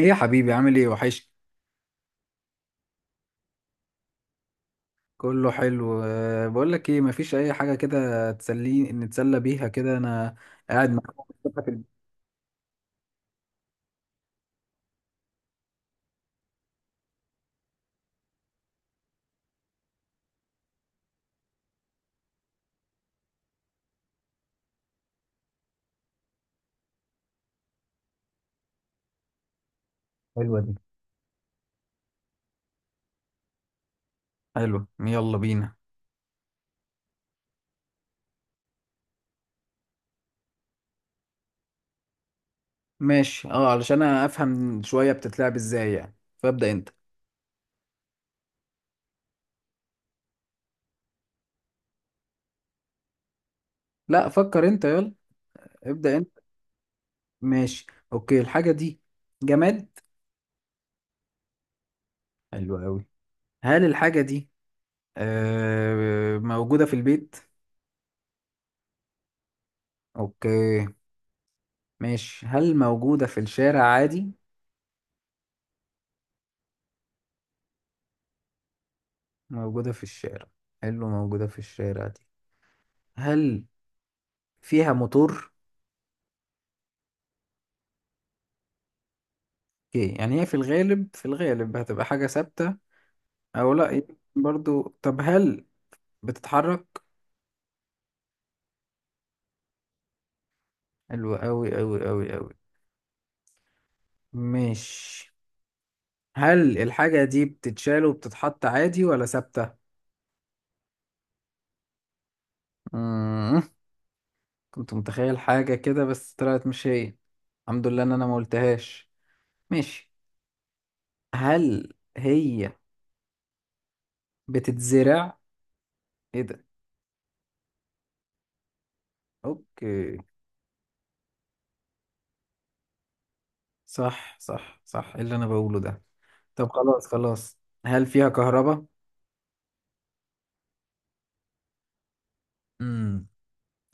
ايه يا حبيبي، عامل ايه وحش. كله حلو. بقول لك ايه، مفيش اي حاجه كده تسليني نتسلى بيها كده انا قاعد معاك. حلوة دي. حلو، يلا بينا. ماشي، اه، علشان انا افهم شويه بتتلعب ازاي يعني، فابدا انت. لا، فكر انت، يلا ابدا انت. ماشي. اوكي، الحاجه دي جماد. حلو قوي. هل الحاجه دي موجوده في البيت؟ اوكي. ماشي، هل موجوده في الشارع عادي؟ موجودة في الشارع. حلو، موجودة في الشارع دي. هل فيها موتور؟ اوكي، يعني هي في الغالب هتبقى حاجة ثابتة، أو لأ يمكن برضو. طب هل بتتحرك؟ حلو أوي أوي أوي أوي. مش هل الحاجة دي بتتشال وبتتحط عادي ولا ثابتة؟ مم. كنت متخيل حاجة كده بس طلعت مش هي. الحمد لله إن أنا ما قلتهاش. ماشي. هل هي بتتزرع؟ ايه ده؟ اوكي. صح صح صح، إيه اللي انا بقوله ده. طب، خلاص خلاص. هل فيها كهرباء؟ امم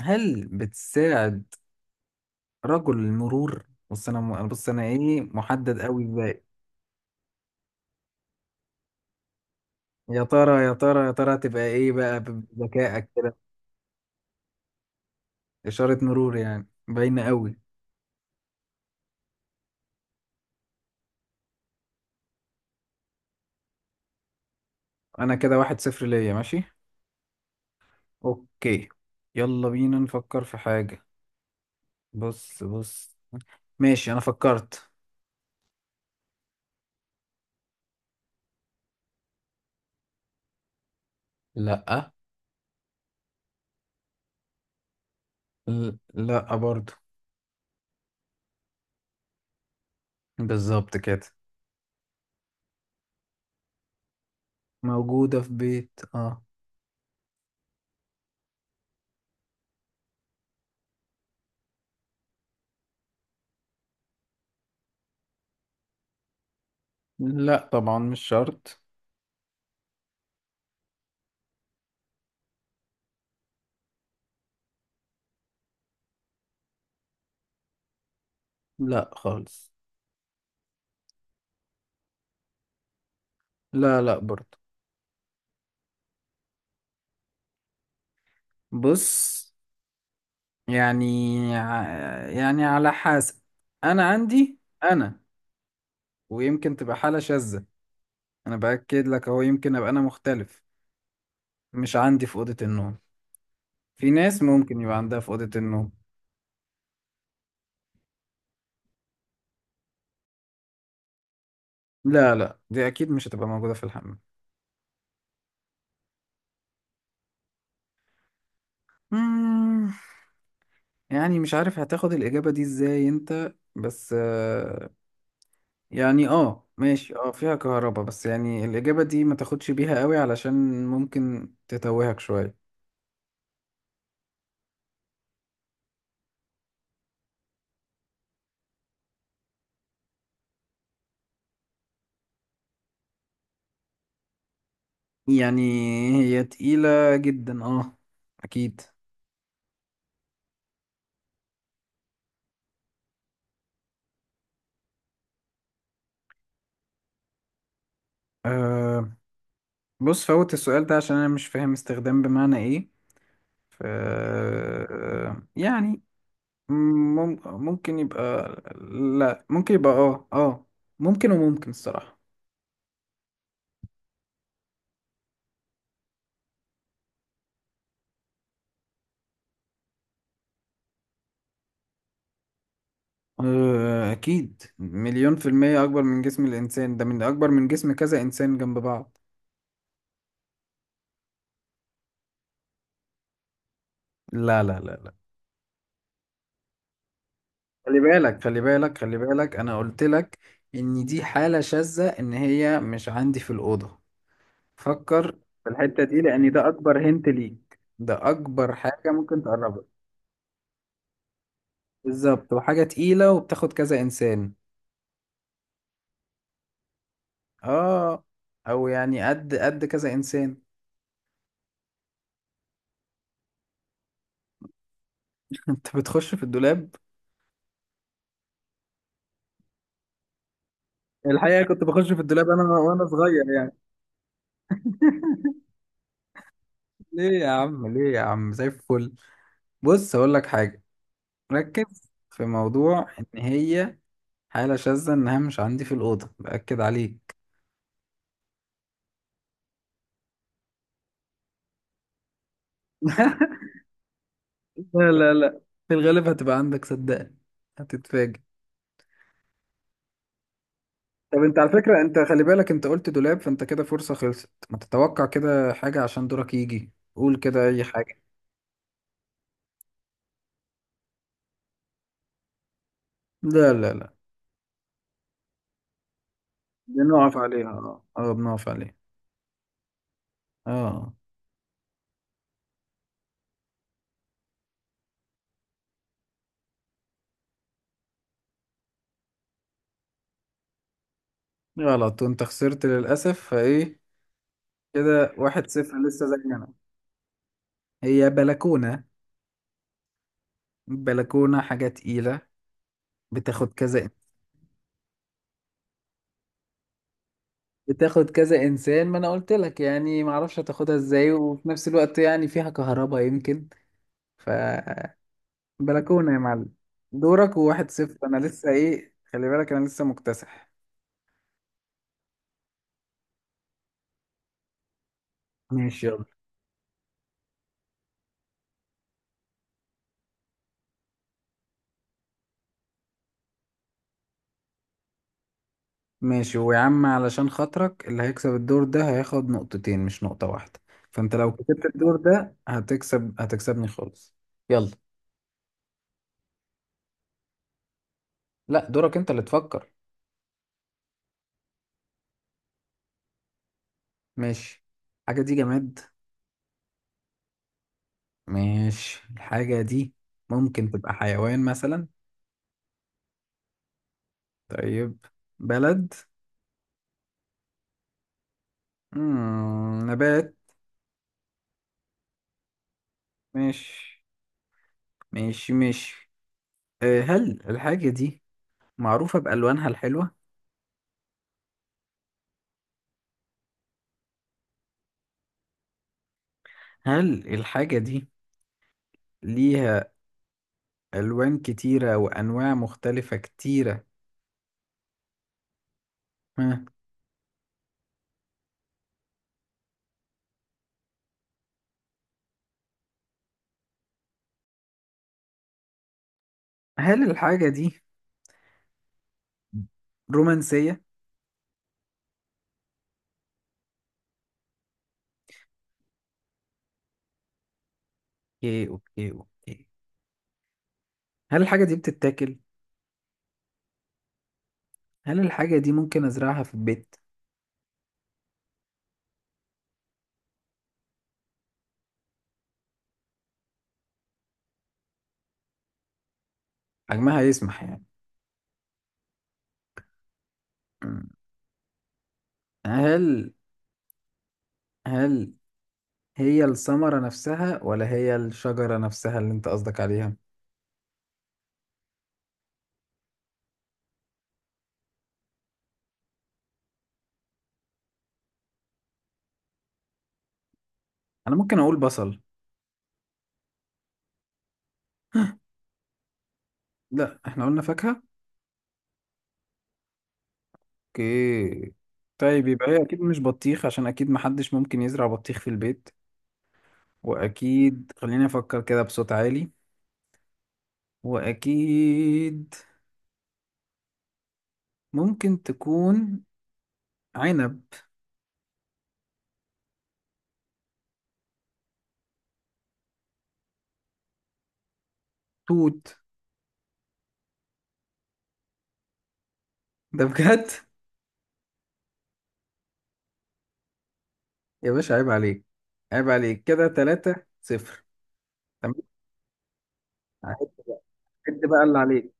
هل بتساعد رجل المرور. بص انا ايه، محدد قوي ازاي. يا ترى يا ترى يا ترى هتبقى ايه بقى بذكائك كده؟ اشارة مرور، يعني باينة قوي. انا كده 1-0 ليا، ماشي. اوكي، يلا بينا نفكر في حاجة. بص بص، ماشي انا فكرت. لا. لا برضو. بالظبط كده. موجودة في بيت، اه. لا طبعا، مش شرط. لا خالص. لا لا برضه. بص، يعني يعني على حسب، انا عندي انا. ويمكن تبقى حالة شاذة. انا باكد لك اهو، يمكن ابقى انا مختلف. مش عندي في أوضة النوم. في ناس ممكن يبقى عندها في أوضة النوم. لا لا، دي اكيد مش هتبقى موجودة في الحمام. مم، يعني مش عارف هتاخد الإجابة دي ازاي انت بس، يعني اه ماشي، اه فيها كهرباء، بس يعني الإجابة دي ما تاخدش بيها قوي علشان ممكن تتوهك شوية. يعني هي تقيلة جدا، اه أكيد. آه بص فوت السؤال ده عشان أنا مش فاهم استخدام بمعنى إيه. ف يعني ممكن يبقى، لا ممكن يبقى اه اه، ممكن وممكن الصراحة. أكيد مليون في المية أكبر من جسم الإنسان، ده من أكبر من جسم كذا إنسان جنب بعض. لا لا لا لا. خلي بالك خلي بالك خلي بالك، انا قلت لك ان دي حالة شاذة، ان هي مش عندي في الأوضة. فكر في الحتة دي، لان ده اكبر هنت ليك، ده اكبر حاجة ممكن تقربك. بالظبط، وحاجة تقيلة وبتاخد كذا انسان، اه. او يعني قد قد كذا انسان. انت بتخش في الدولاب؟ الحقيقة كنت بخش في الدولاب انا وانا صغير، يعني. ليه يا عم، ليه يا عم، زي الفل. بص اقول لك حاجة. ركز في موضوع ان هي حالة شاذة، إنها مش عندي في الأوضة، بأكد عليك. لا لا لا لا. في الغالب هتبقى عندك، صدقني، هتتفاجئ. طب أنت على فكرة، أنت خلي بالك، أنت قلت دولاب فأنت كده فرصة خلصت، ما تتوقع كده حاجة، عشان دورك يجي قول كده أي حاجة. لا لا لا. بنقف عليها، اه اه، بنقف عليها، اه. غلط، وأنت خسرت للأسف، فإيه كده 1-0 لسه زي ما أنا. هي بلكونة، بلكونة حاجة تقيلة، بتاخد كذا، بتاخد كذا انسان. ما انا قلت لك يعني، ما اعرفش هتاخدها ازاي، وفي نفس الوقت يعني فيها كهرباء يمكن. ف بلكونه يا معلم. دورك، وواحد صفر انا لسه، ايه خلي بالك انا لسه مكتسح. ماشي يلا. ماشي، ويا عم علشان خاطرك اللي هيكسب الدور ده هياخد نقطتين مش نقطة واحدة. فانت لو كسبت الدور ده هتكسبني خالص. يلا. لا، دورك انت اللي تفكر. ماشي، الحاجة دي جماد؟ ماشي، الحاجة دي ممكن تبقى حيوان مثلا؟ طيب، بلد؟ مم. نبات؟ مش مش مش أه هل الحاجة دي معروفة بألوانها الحلوة؟ هل الحاجة دي ليها ألوان كتيرة وأنواع مختلفة كتيرة؟ ها. هل الحاجة دي رومانسية؟ اوكي اوكي اوكي. هل الحاجة دي بتتاكل؟ هل الحاجة دي ممكن أزرعها في البيت؟ حجمها يسمح يعني. مم. هل هل هي الثمرة نفسها ولا هي الشجرة نفسها اللي أنت قصدك عليها؟ انا ممكن اقول بصل. لا، احنا قلنا فاكهة. اوكي. طيب، يبقى هي اكيد مش بطيخ عشان اكيد محدش ممكن يزرع بطيخ في البيت. واكيد، خليني افكر كده بصوت عالي. واكيد ممكن تكون عنب. توت. ده بجد. يا باشا، عيب عليك. عيب عليك، كده 3-0. تمام. عد بقى. عد بقى اللي عليك.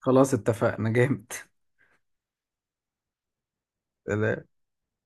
خلاص، اتفقنا جامد.